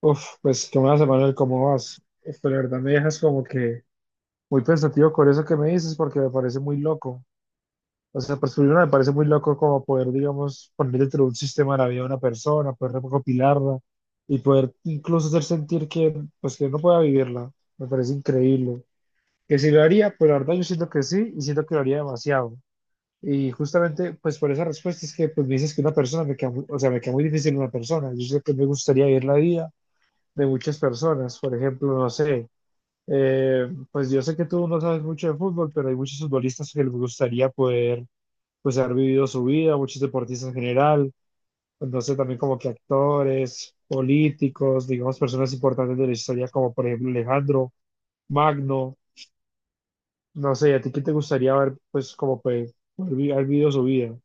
Uf, pues tú me vas a Manuel cómo vas. Uf, pero la verdad me dejas como que muy pensativo con eso que me dices porque me parece muy loco. O sea, por primero me parece muy loco como poder, digamos, poner dentro de un sistema la vida de una persona, poder recopilarla y poder incluso hacer sentir que, pues, que no pueda vivirla. Me parece increíble. Que si lo haría, pues la verdad yo siento que sí y siento que lo haría demasiado. Y justamente, pues por esa respuesta es que pues, me dices que una persona me queda, muy- o sea, me queda muy difícil una persona. Yo siento que me gustaría vivir la vida de muchas personas. Por ejemplo, no sé, pues yo sé que tú no sabes mucho de fútbol, pero hay muchos futbolistas que les gustaría poder, pues, haber vivido su vida, muchos deportistas en general, entonces también como que actores, políticos, digamos, personas importantes de la historia, como por ejemplo Alejandro Magno, no sé, ¿a ti qué te gustaría ver, pues, como pues, poder vi- haber vivido su vida?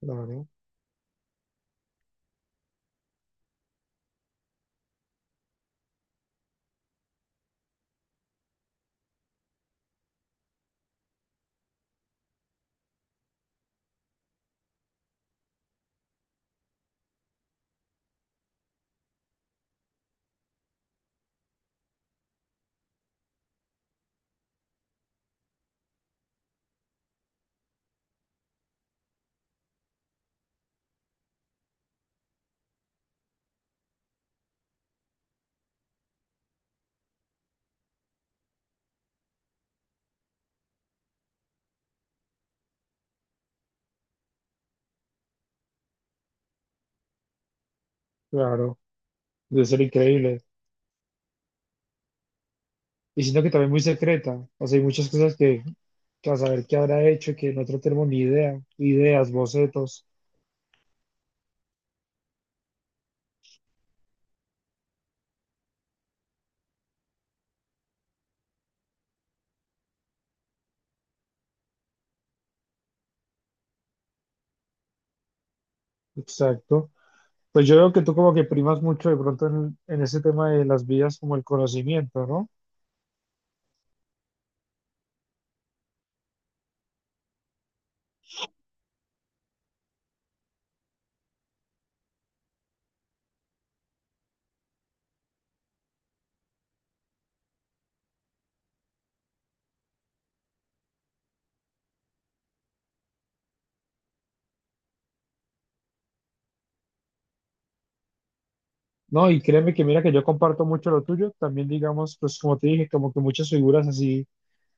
Claro, claro, debe ser increíble. Y siento que también muy secreta. O sea, hay muchas cosas que a saber qué habrá hecho, que nosotros tenemos ni idea. Ideas, bocetos. Exacto. Pues yo veo que tú como que primas mucho de pronto en ese tema de las vías como el conocimiento, ¿no? No, y créeme que mira que yo comparto mucho lo tuyo. También digamos, pues como te dije, como que muchas figuras así.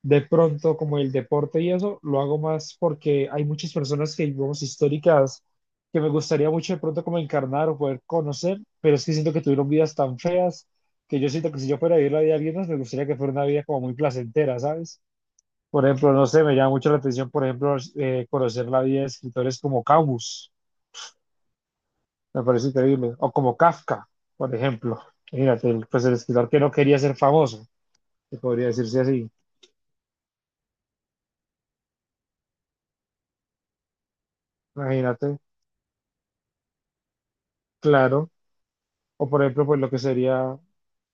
De pronto como el deporte y eso, lo hago más porque hay muchas personas que digamos históricas que me gustaría mucho de pronto como encarnar o poder conocer, pero es que siento que tuvieron vidas tan feas que yo siento que si yo fuera a vivir la vida de alguien más, me gustaría que fuera una vida como muy placentera, ¿sabes? Por ejemplo, no sé, me llama mucho la atención, por ejemplo, conocer la vida de escritores como Camus, me parece increíble, o como Kafka, por ejemplo. Imagínate, el- pues el escritor que no quería ser famoso, que podría decirse así, imagínate, claro. O por ejemplo, pues lo que sería,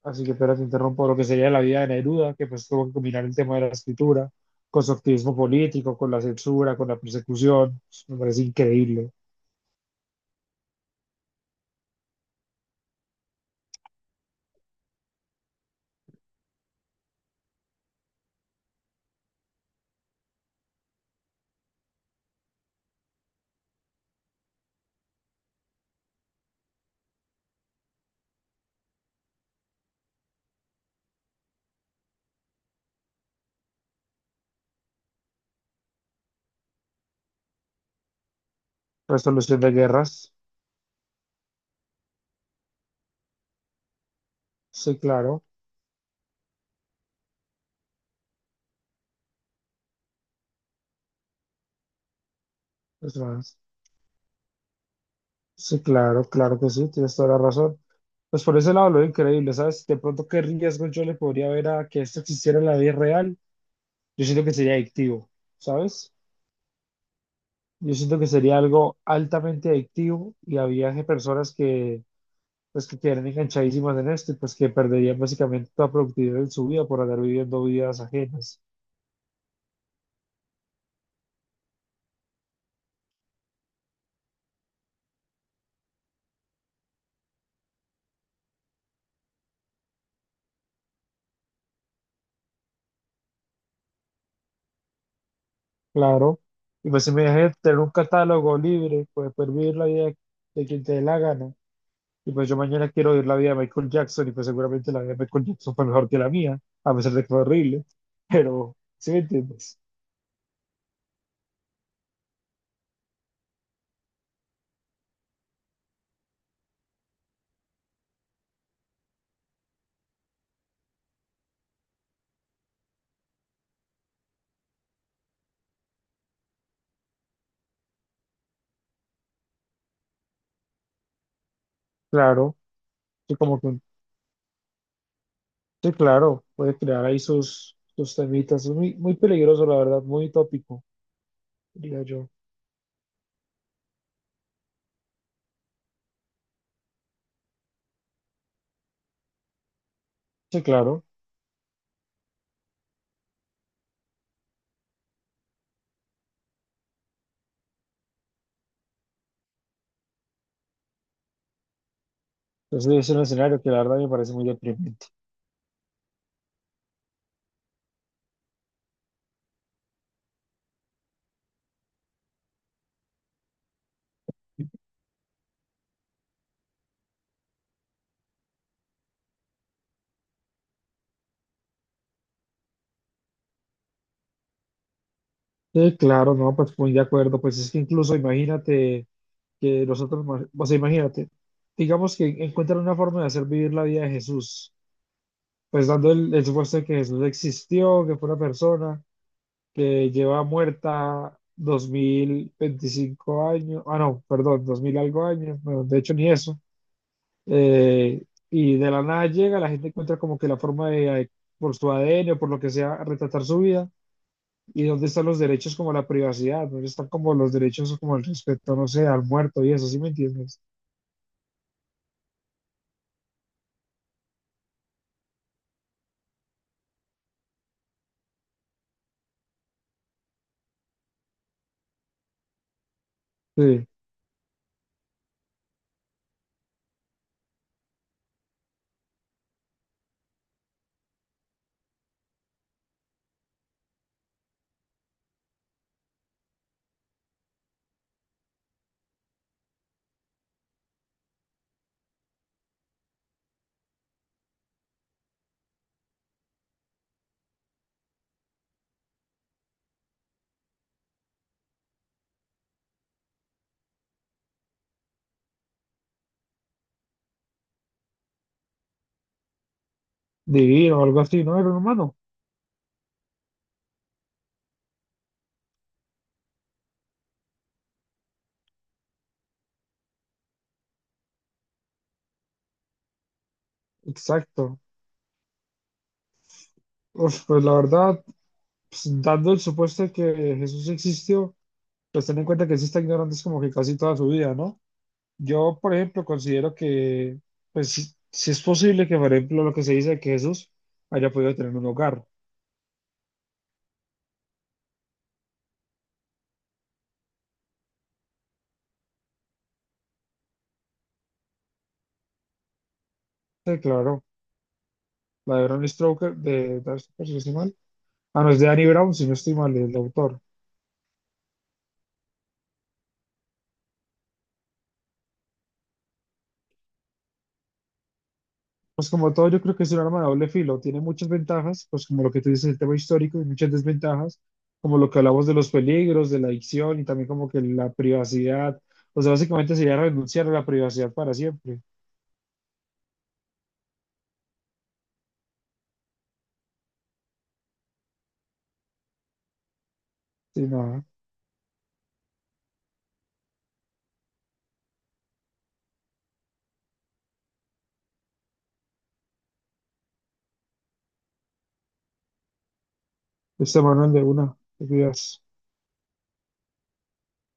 así que espera, te interrumpo, lo que sería la vida de Neruda, que pues tuvo que combinar el tema de la escritura con su activismo político, con la censura, con la persecución. Me parece increíble. Resolución de guerras. Sí, claro. Es más, sí, claro, claro que sí, tienes toda la razón. Pues por ese lado lo veo increíble, ¿sabes? De pronto, ¿qué riesgo yo le podría ver a que esto existiera en la vida real? Yo siento que sería adictivo, ¿sabes? Yo siento que sería algo altamente adictivo y había personas que pues que quedarían enganchadísimas en esto y pues que perderían básicamente toda productividad en su vida por andar viviendo vidas ajenas. Claro. Y pues si me dejan tener un catálogo libre, pues poder vivir la vida de quien te dé la gana. Y pues yo mañana quiero vivir la vida de Michael Jackson y pues seguramente la vida de Michael Jackson fue mejor que la mía, a pesar de que fue horrible. Pero, ¿sí me entiendes? Claro, que como que, sí, claro, puede crear ahí sus temitas. Es muy, muy peligroso, la verdad, muy tópico, diría yo. Sí, claro. Entonces es un escenario que la verdad me parece muy deprimente. Sí, claro, no, pues muy de acuerdo. Pues es que incluso imagínate que nosotros, ma- o sea, imagínate, digamos que encuentran una forma de hacer vivir la vida de Jesús, pues dando el supuesto de que Jesús existió, que fue una persona que lleva muerta 2025 años, ah, no, perdón, 2000 algo años, bueno, de hecho ni eso. Eh, y de la nada llega, la gente encuentra como que la forma de, por su ADN o por lo que sea, retratar su vida. ¿Y dónde están los derechos como la privacidad? ¿Dónde están como los derechos como el respeto, no sé, al muerto y eso, ¿sí me entiendes? Sí, divino o algo así, ¿no? Era un humano. Exacto. Uf, pues la verdad, pues, dando el supuesto de que Jesús existió, pues ten en cuenta que sí está ignorando es como que casi toda su vida, ¿no? Yo, por ejemplo, considero que, pues, si, si es posible que, por ejemplo, lo que se dice de que Jesús haya podido tener un hogar. Sí, claro. La de Bram Stoker, si no estoy mal. Ah, no, es de Danny Brown, si no estoy mal, el autor. Pues como todo, yo creo que es un arma de doble filo. Tiene muchas ventajas, pues como lo que tú dices, el tema histórico, y muchas desventajas, como lo que hablamos de los peligros, de la adicción y también como que la privacidad. O sea, básicamente sería renunciar a la privacidad para siempre. Sí, nada, esta mano de una, te cuidas.